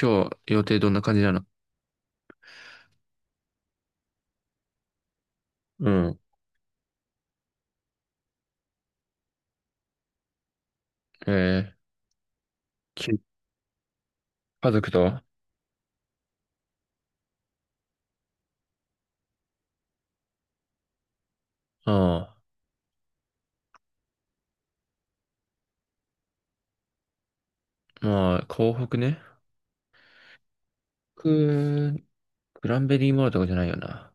今日予定どんな感じなの？うん。えー、き家族とあ、まあ、港北ね。くグランベリーモールとかじゃないよな。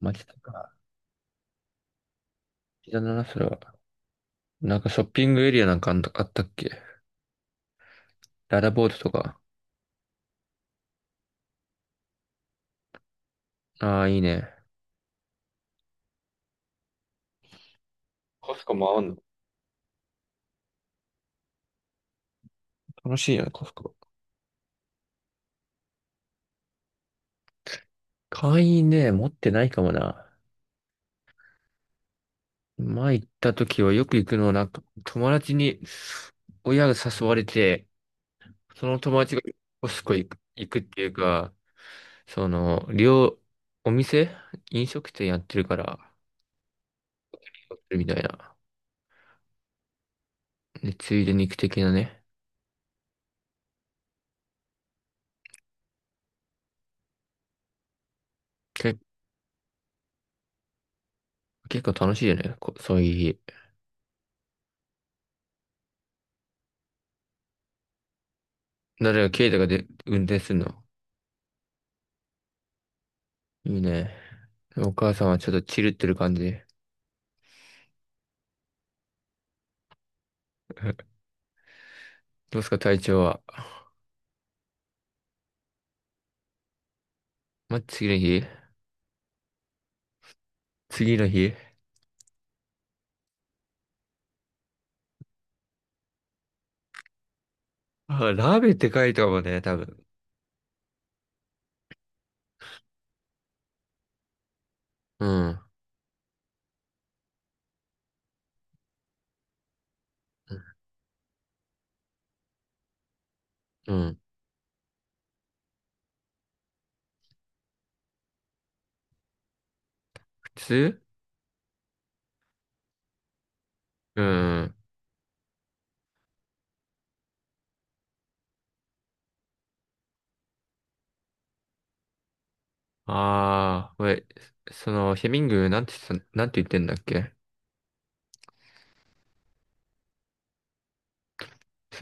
街とか。膝だな、それは。なんかショッピングエリアなんかあったっけ？ララボートとか。ああ、いいね。コスコもあんの？楽しいよね、コスコ。会員ね、持ってないかもな。前行った時はよく行くのは、なんか友達に親が誘われて、その友達がコスコ行く、行くっていうか、その、お店飲食店やってるから、みたいな。で、ついで肉的なね。け、結構楽しいよね。そういう日。誰が、ケイタが運転するの？いいね。お母さんはちょっとチルってる感じ。どうすか、体調は？ま、次の日、あ、ラーメンって書いてかもんね、多分。うん。うん。普通うん。ああ、これ、その、ヘミング、なんて言ってた、なんて言ってんだっけ？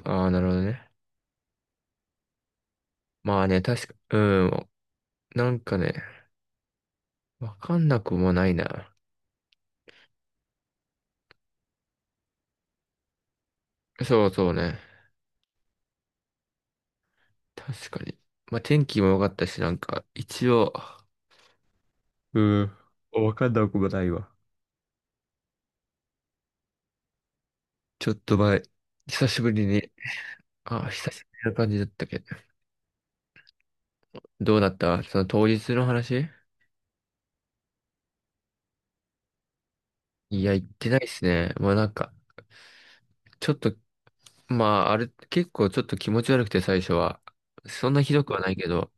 ああー、なるほどね。まあね、確か、うん、なんかね、わかんなくもないな。そうそうね。確かに。まあ天気も良かったし、なんか、一応、うん、わかんなくもないわ。ちょっと前、久しぶりに、あ、久しぶりな感じだったけど。どうだった、その当日の話？いや、行ってないっすね。もうなんか、ちょっと、まあ、あれ、結構ちょっと気持ち悪くて最初は。そんなひどくはないけど、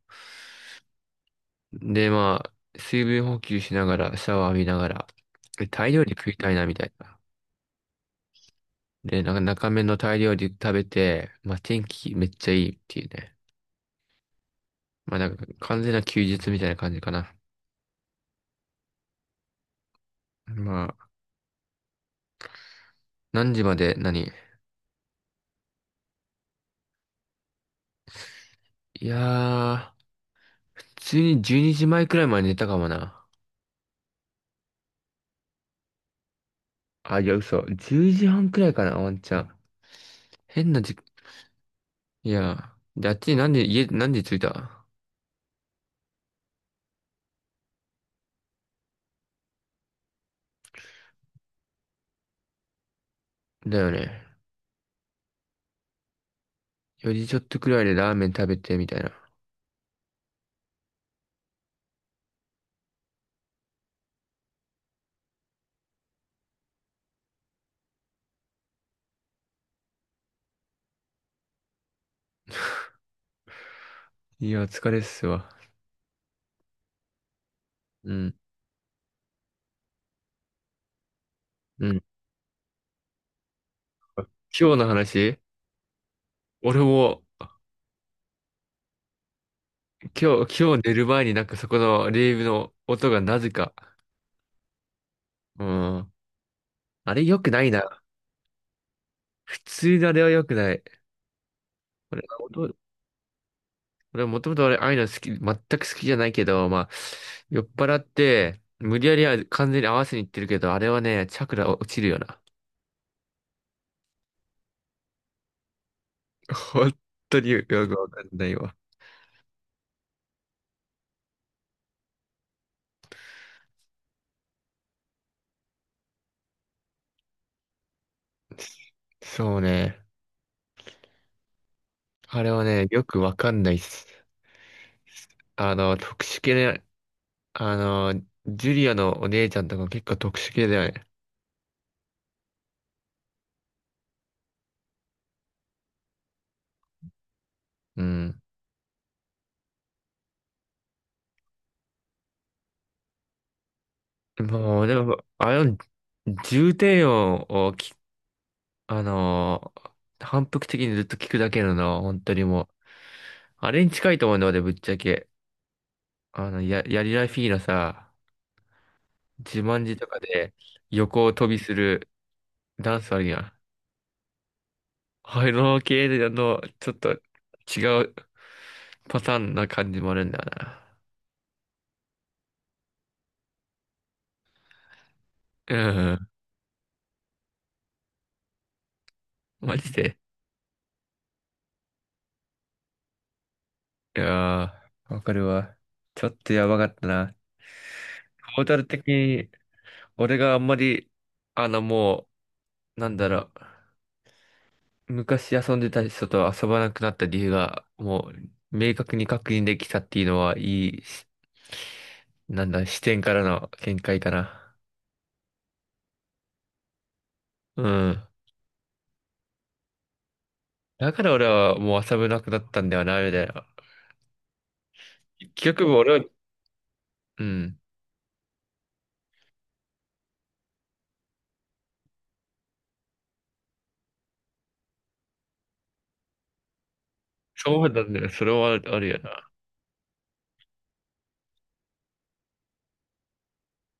で、まあ、水分補給しながら、シャワー浴びながら、でタイ料理食いたいな、みたいな。で、なんか中目のタイ料理食べて、まあ天気めっちゃいいっていうね。まあなんか完全な休日みたいな感じかな。まあ、何時まで何？いやー、普通に12時前くらいまで寝たかもな。あ、いや、嘘。10時半くらいかな、ワンチャン。変な時、いやー、で、あっちに何で、家、何時着いた？だよね。4時ちょっとくらいでラーメン食べて、みたいな。いや、疲れっすわ。うん。うん。今日の話？俺も、今日寝る前になんかそこのレイブの音がなぜか。うん。あれ良くないな。普通のあれは良くない。俺、音俺もともとああいうの好き、全く好きじゃないけど、まあ、酔っ払って、無理やりは完全に合わせにいってるけど、あれはね、チャクラ落ちるよな。本当によくわかんないわ。そうね。あれはね、よくわかんないっす。あの、特殊系あの、ジュリアのお姉ちゃんとか結構特殊系だよね。うん。もう、でも、あの、重低音をき、あのー、反復的にずっと聞くだけのな、本当にもう。あれに近いと思うんだ、俺、ぶっちゃけ。あの、やりらフィーのさ、自慢とかで横を飛びするダンスあるやん。あの系の、ちょっと違うパターンな感じもあるんだよな。うん。マジで。いやー、わかるわ。ちょっとやばかったな。トータル的に、俺があんまり、あの、もう、なんだろう、昔遊んでた人と遊ばなくなった理由が、もう、明確に確認できたっていうのは、いいし、なんだ、視点からの見解かな。うん。だから俺はもう遊べなくなったんだよな、みたいな。結局俺は、うん。そうなんだよ。それはあるよな。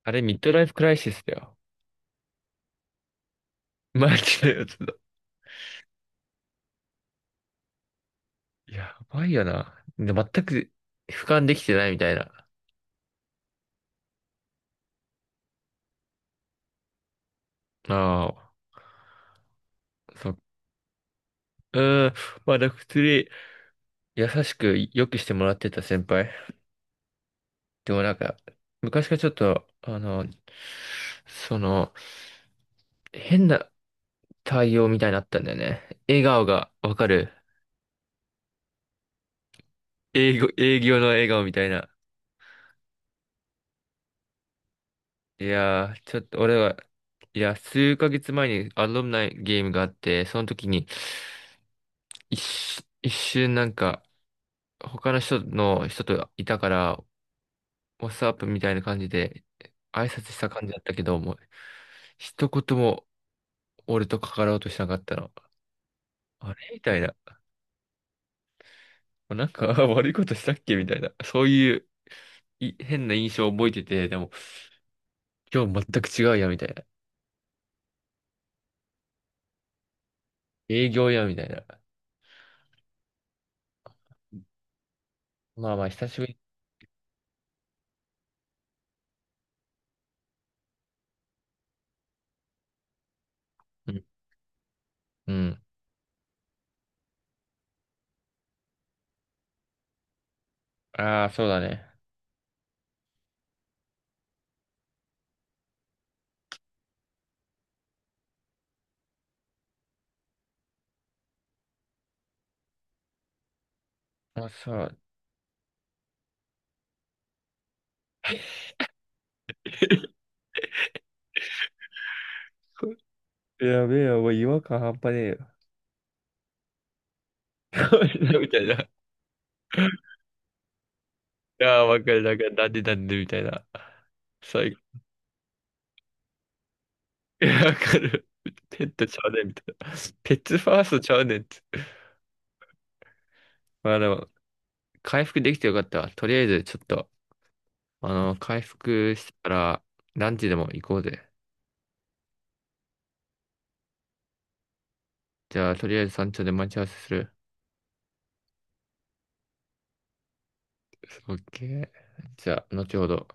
あれ、ミッドライフクライシスだよ。マジでやつだ。やばいよな。で、全く俯瞰できてないみたいな。ああ、そっうーん。まあ、なんか普通に優しく良くしてもらってた先輩。でもなんか、昔からちょっと、あの、その、変な対応みたいになったんだよね。笑顔がわかる。営業の笑顔みたいな。いやー、ちょっと俺は、いや、数ヶ月前にアロムナイゲームがあって、その時に、一瞬なんか、他の人といたから、ワッツアップみたいな感じで挨拶した感じだったけど、もう一言も俺と関わろうとしなかったの。あれみたいな。なんか 悪いことしたっけみたいな。そういう変な印象を覚えてて、でも今日全く違うや、みたいな。営業や、みたいな。まあまあ、久しぶり。うん。うん。ああ、そうだね。あ、そう。やべえよ、もう違和感半端ねえよ。みたいな。ああ、わかる、なんか、なんでなんでみたいな。最いや、わかる。ペットちゃうねんみたいな。ペットファーストちゃうねんって。まあでも、回復できてよかったわ。とりあえず、ちょっと、あの、回復したら、ランチでも行こうぜ。じゃあ、とりあえず山頂で待ち合わせする。オッケー。じゃあ、後ほど。